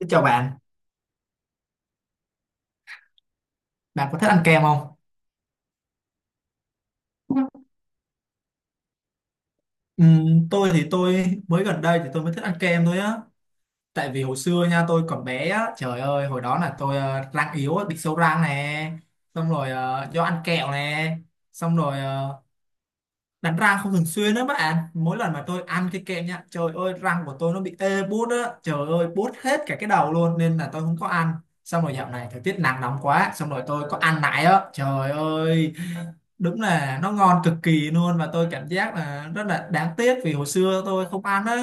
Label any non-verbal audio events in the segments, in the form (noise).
Xin chào bạn, bạn có thích ăn kem không? Ừ, tôi thì tôi mới gần đây thì tôi mới thích ăn kem thôi á. Tại vì hồi xưa nha, tôi còn bé á, trời ơi, hồi đó là tôi răng yếu á, bị sâu răng nè, xong rồi do ăn kẹo nè, xong rồi đánh răng không thường xuyên đó bạn. Mỗi lần mà tôi ăn cái kem nha, trời ơi, răng của tôi nó bị ê buốt á, trời ơi, buốt hết cả cái đầu luôn, nên là tôi không có ăn. Xong rồi dạo này thời tiết nắng nóng quá, xong rồi tôi có ăn lại á, trời ơi, đúng là nó ngon cực kỳ luôn, và tôi cảm giác là rất là đáng tiếc vì hồi xưa tôi không ăn á.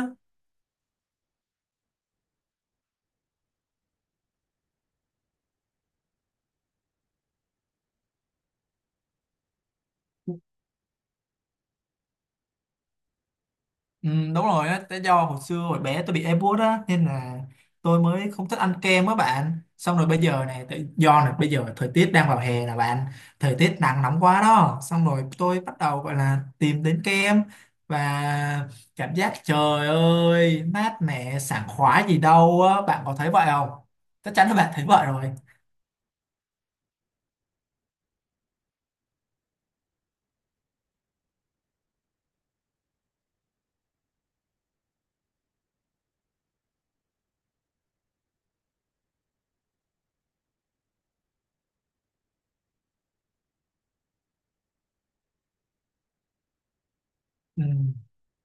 Ừ, đúng rồi á, tại do hồi xưa hồi bé tôi bị ép bút á, nên là tôi mới không thích ăn kem á bạn. Xong rồi bây giờ này tại do là bây giờ thời tiết đang vào hè là bạn, thời tiết nắng nóng quá đó, xong rồi tôi bắt đầu gọi là tìm đến kem, và cảm giác trời ơi mát mẻ sảng khoái gì đâu á. Bạn có thấy vậy không? Chắc chắn là bạn thấy vậy rồi. Ừ.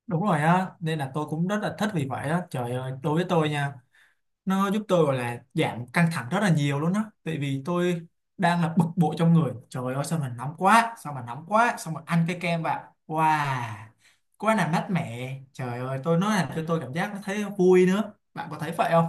Đúng rồi á, nên là tôi cũng rất là thích vì vậy á. Trời ơi, đối với tôi nha, nó giúp tôi gọi là giảm căng thẳng rất là nhiều luôn á. Tại vì tôi đang là bực bội trong người. Trời ơi, sao mà nóng quá, sao mà nóng quá, sao mà ăn cái kem vào. Wow, quá là mát mẻ. Trời ơi, tôi nói là tôi cảm giác nó thấy vui nữa. Bạn có thấy vậy không?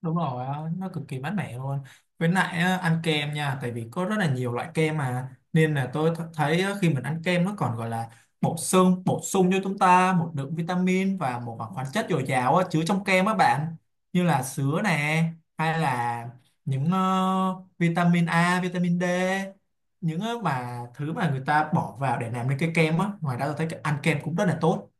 Đúng rồi á, nó cực kỳ mát mẻ luôn. Với lại á, ăn kem nha, tại vì có rất là nhiều loại kem mà, nên là tôi thấy á, khi mình ăn kem nó còn gọi là bổ sung cho chúng ta một lượng vitamin và một khoáng chất dồi dào á, chứa trong kem á bạn. Như là sứa nè, hay là những vitamin A vitamin D, những mà thứ mà người ta bỏ vào để làm nên cái kem á. Ngoài ra tôi thấy cái ăn kem cũng rất là tốt.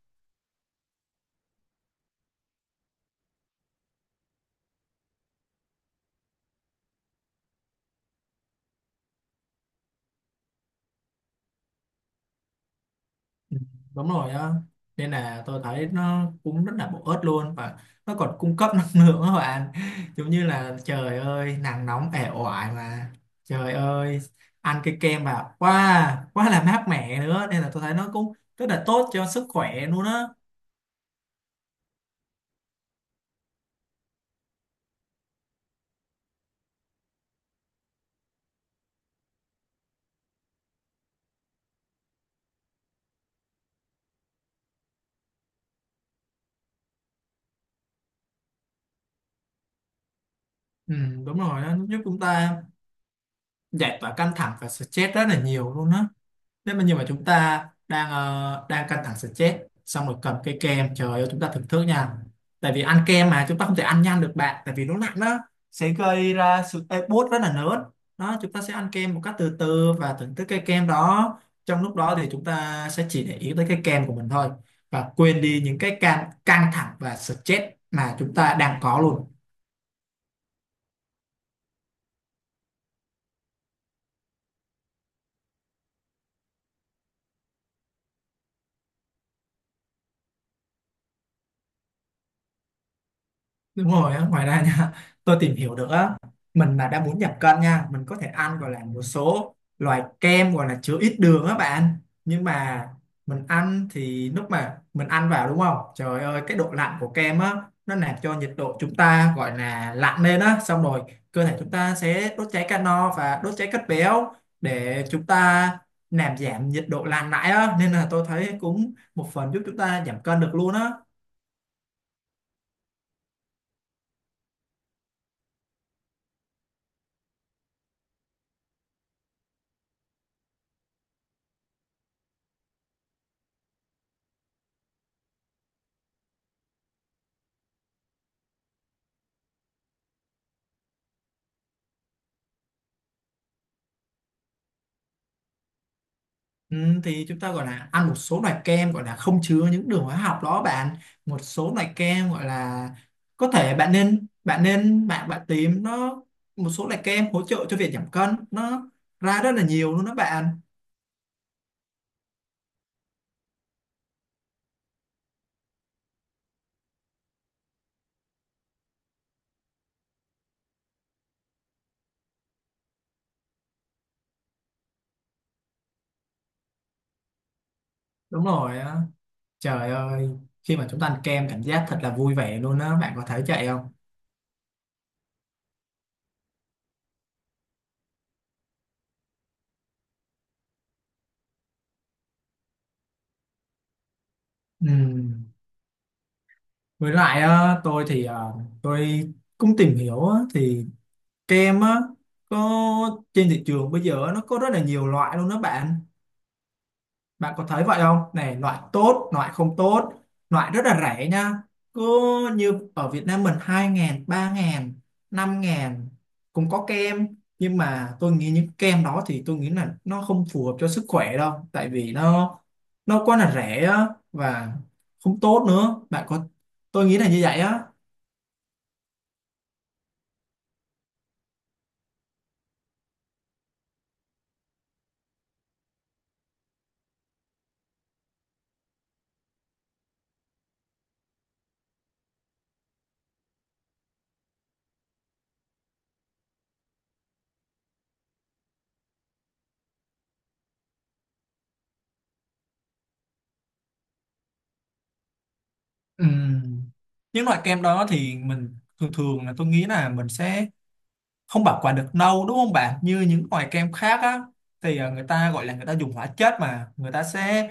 Ừ, đúng rồi á, nên là tôi thấy nó cũng rất là bổ ích luôn, và nó còn cung cấp năng lượng các bạn. Giống như là trời ơi nắng nóng ẻ oải mà, trời ơi, ăn cái kem vào quá quá là mát mẻ nữa, nên là tôi thấy nó cũng rất là tốt cho sức khỏe luôn á. Ừ, đúng rồi, nó giúp chúng ta giải tỏa căng thẳng và stress rất là nhiều luôn á. Thế mà nhưng mà chúng ta đang đang căng thẳng stress, xong rồi cầm cái kem trời ơi chúng ta thưởng thức nha. Tại vì ăn kem mà chúng ta không thể ăn nhanh được bạn, tại vì nó nặng đó, sẽ gây ra sự ê, bốt rất là lớn. Đó, chúng ta sẽ ăn kem một cách từ từ và thưởng thức cái kem đó. Trong lúc đó thì chúng ta sẽ chỉ để ý tới cái kem của mình thôi, và quên đi những cái can căng thẳng và stress mà chúng ta đang có luôn. Đúng rồi á, ngoài ra nha, tôi tìm hiểu được á, mình mà đã muốn giảm cân nha, mình có thể ăn gọi là một số loại kem gọi là chứa ít đường á bạn. Nhưng mà mình ăn thì lúc mà mình ăn vào đúng không? Trời ơi, cái độ lạnh của kem á, nó làm cho nhiệt độ chúng ta gọi là lạnh lên á, xong rồi cơ thể chúng ta sẽ đốt cháy calo và đốt cháy chất béo để chúng ta làm giảm nhiệt độ lạnh lại á, nên là tôi thấy cũng một phần giúp chúng ta giảm cân được luôn á. Ừ, thì chúng ta gọi là ăn một số loại kem gọi là không chứa những đường hóa học đó bạn, một số loại kem gọi là có thể bạn nên bạn nên bạn bạn tìm nó, một số loại kem hỗ trợ cho việc giảm cân, nó ra rất là nhiều luôn đó bạn. Đúng rồi á. Trời ơi, khi mà chúng ta ăn kem cảm giác thật là vui vẻ luôn đó, bạn có thấy vậy không? Ừ. Với lại á, tôi thì tôi cũng tìm hiểu á, thì kem á có trên thị trường bây giờ nó có rất là nhiều loại luôn đó bạn. Bạn có thấy vậy không? Này, loại tốt, loại không tốt, loại rất là rẻ nha. Cứ như ở Việt Nam mình 2 ngàn, 3 ngàn, 5 ngàn cũng có kem. Nhưng mà tôi nghĩ những kem đó thì tôi nghĩ là nó không phù hợp cho sức khỏe đâu. Tại vì nó quá là rẻ á, và không tốt nữa. Tôi nghĩ là như vậy á. Ừm, Những loại kem đó thì mình thường thường là tôi nghĩ là mình sẽ không bảo quản được lâu đúng không bạn, như những loại kem khác á thì người ta gọi là người ta dùng hóa chất mà người ta sẽ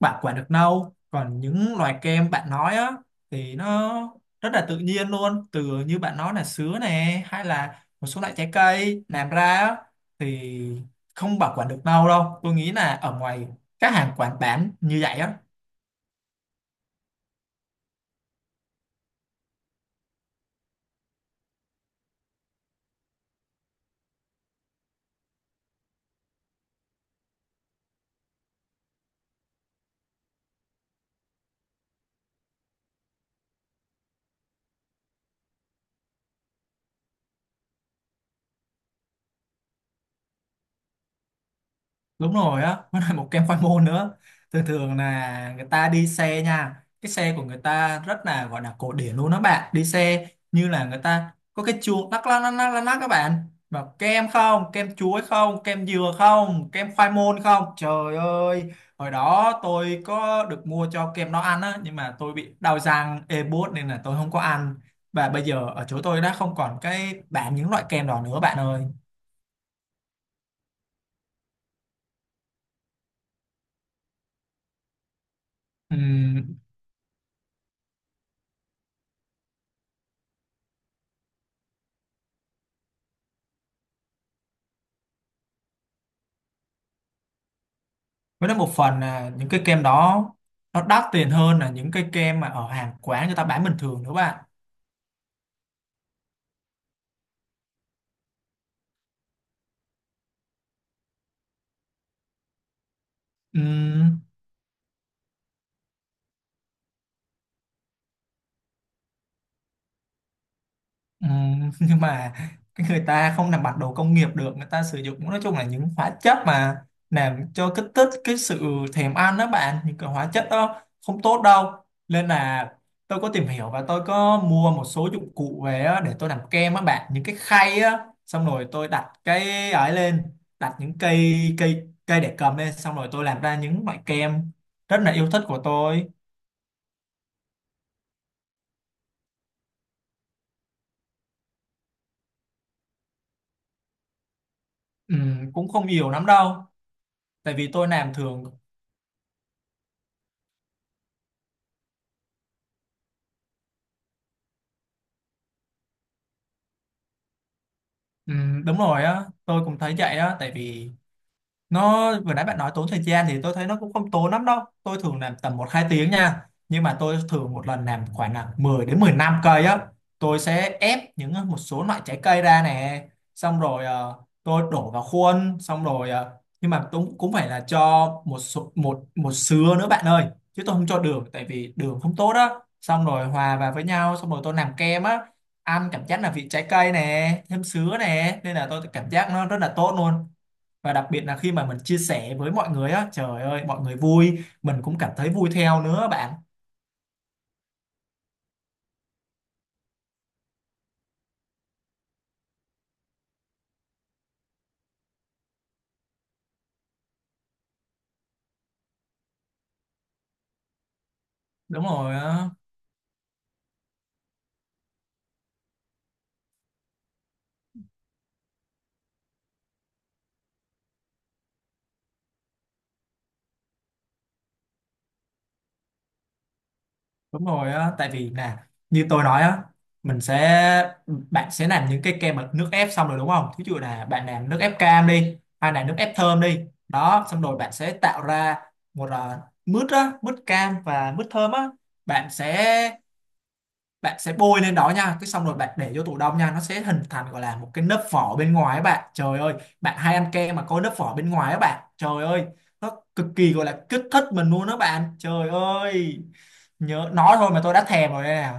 bảo quản được lâu, còn những loại kem bạn nói á thì nó rất là tự nhiên luôn, từ như bạn nói là sứa nè hay là một số loại trái cây làm ra á, thì không bảo quản được lâu đâu, tôi nghĩ là ở ngoài các hàng quán bán như vậy á. Đúng rồi á, (laughs) nó là một kem khoai môn nữa, thường thường là người ta đi xe nha, cái xe của người ta rất là gọi là cổ điển luôn đó bạn, đi xe như là người ta có cái chuông lắc lắc lắc lắc lắc lắc các bạn, mà kem không, kem chuối không, kem dừa không, kem khoai môn không, trời ơi. Hồi đó tôi có được mua cho kem nó ăn á, nhưng mà tôi bị đau răng ê buốt nên là tôi không có ăn, và bây giờ ở chỗ tôi đã không còn cái bán những loại kem đó nữa bạn ơi. Ừ, với đó một phần là những cái kem đó nó đắt tiền hơn là những cái kem mà ở hàng quán người ta bán bình thường nữa bạn. Ừm. Ừ. (laughs) Nhưng mà cái người ta không làm bằng đồ công nghiệp được, người ta sử dụng nói chung là những hóa chất mà làm cho kích thích cái sự thèm ăn đó bạn, những cái hóa chất đó không tốt đâu, nên là tôi có tìm hiểu và tôi có mua một số dụng cụ về á, để tôi làm kem á bạn, những cái khay á, xong rồi tôi đặt cái ấy lên, đặt những cây cây cây để cầm lên, xong rồi tôi làm ra những loại kem rất là yêu thích của tôi. Ừ, cũng không nhiều lắm đâu, tại vì tôi làm thường. Ừ, đúng rồi á, tôi cũng thấy vậy á, tại vì nó vừa nãy bạn nói tốn thời gian thì tôi thấy nó cũng không tốn lắm đâu, tôi thường làm tầm một hai tiếng nha, nhưng mà tôi thường một lần làm khoảng là 10 đến 15 cây á. Tôi sẽ ép những một số loại trái cây ra nè, xong rồi tôi đổ vào khuôn, xong rồi nhưng mà cũng cũng phải là cho một số, một một sứa nữa bạn ơi, chứ tôi không cho đường tại vì đường không tốt á, xong rồi hòa vào với nhau, xong rồi tôi làm kem á, ăn cảm giác là vị trái cây nè thêm sứa nè nên là tôi cảm giác nó rất là tốt luôn, và đặc biệt là khi mà mình chia sẻ với mọi người á trời ơi mọi người vui mình cũng cảm thấy vui theo nữa bạn. Đúng rồi á, đúng rồi á, tại vì là như tôi nói á, mình sẽ bạn sẽ làm những cái kem bằng nước ép xong rồi đúng không, thí dụ là bạn làm nước ép cam đi hay là nước ép thơm đi đó, xong rồi bạn sẽ tạo ra một mứt á, mứt cam và mứt thơm á, bạn sẽ bạn sẽ bôi lên đó nha, cái xong rồi bạn để vô tủ đông nha, nó sẽ hình thành gọi là một cái lớp vỏ bên ngoài á bạn, trời ơi, bạn hay ăn kem mà có lớp vỏ bên ngoài á bạn, trời ơi, nó cực kỳ gọi là kích thích mình luôn đó bạn, trời ơi, nhớ nói thôi mà tôi đã thèm rồi đây nè.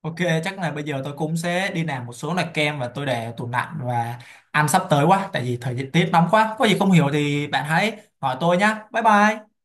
OK, chắc là bây giờ tôi cũng sẽ đi làm một số loại kem và tôi để ở tủ lạnh và ăn sắp tới quá, tại vì thời tiết nóng quá, có gì không hiểu thì bạn hãy hỏi tôi nhá, bye bye.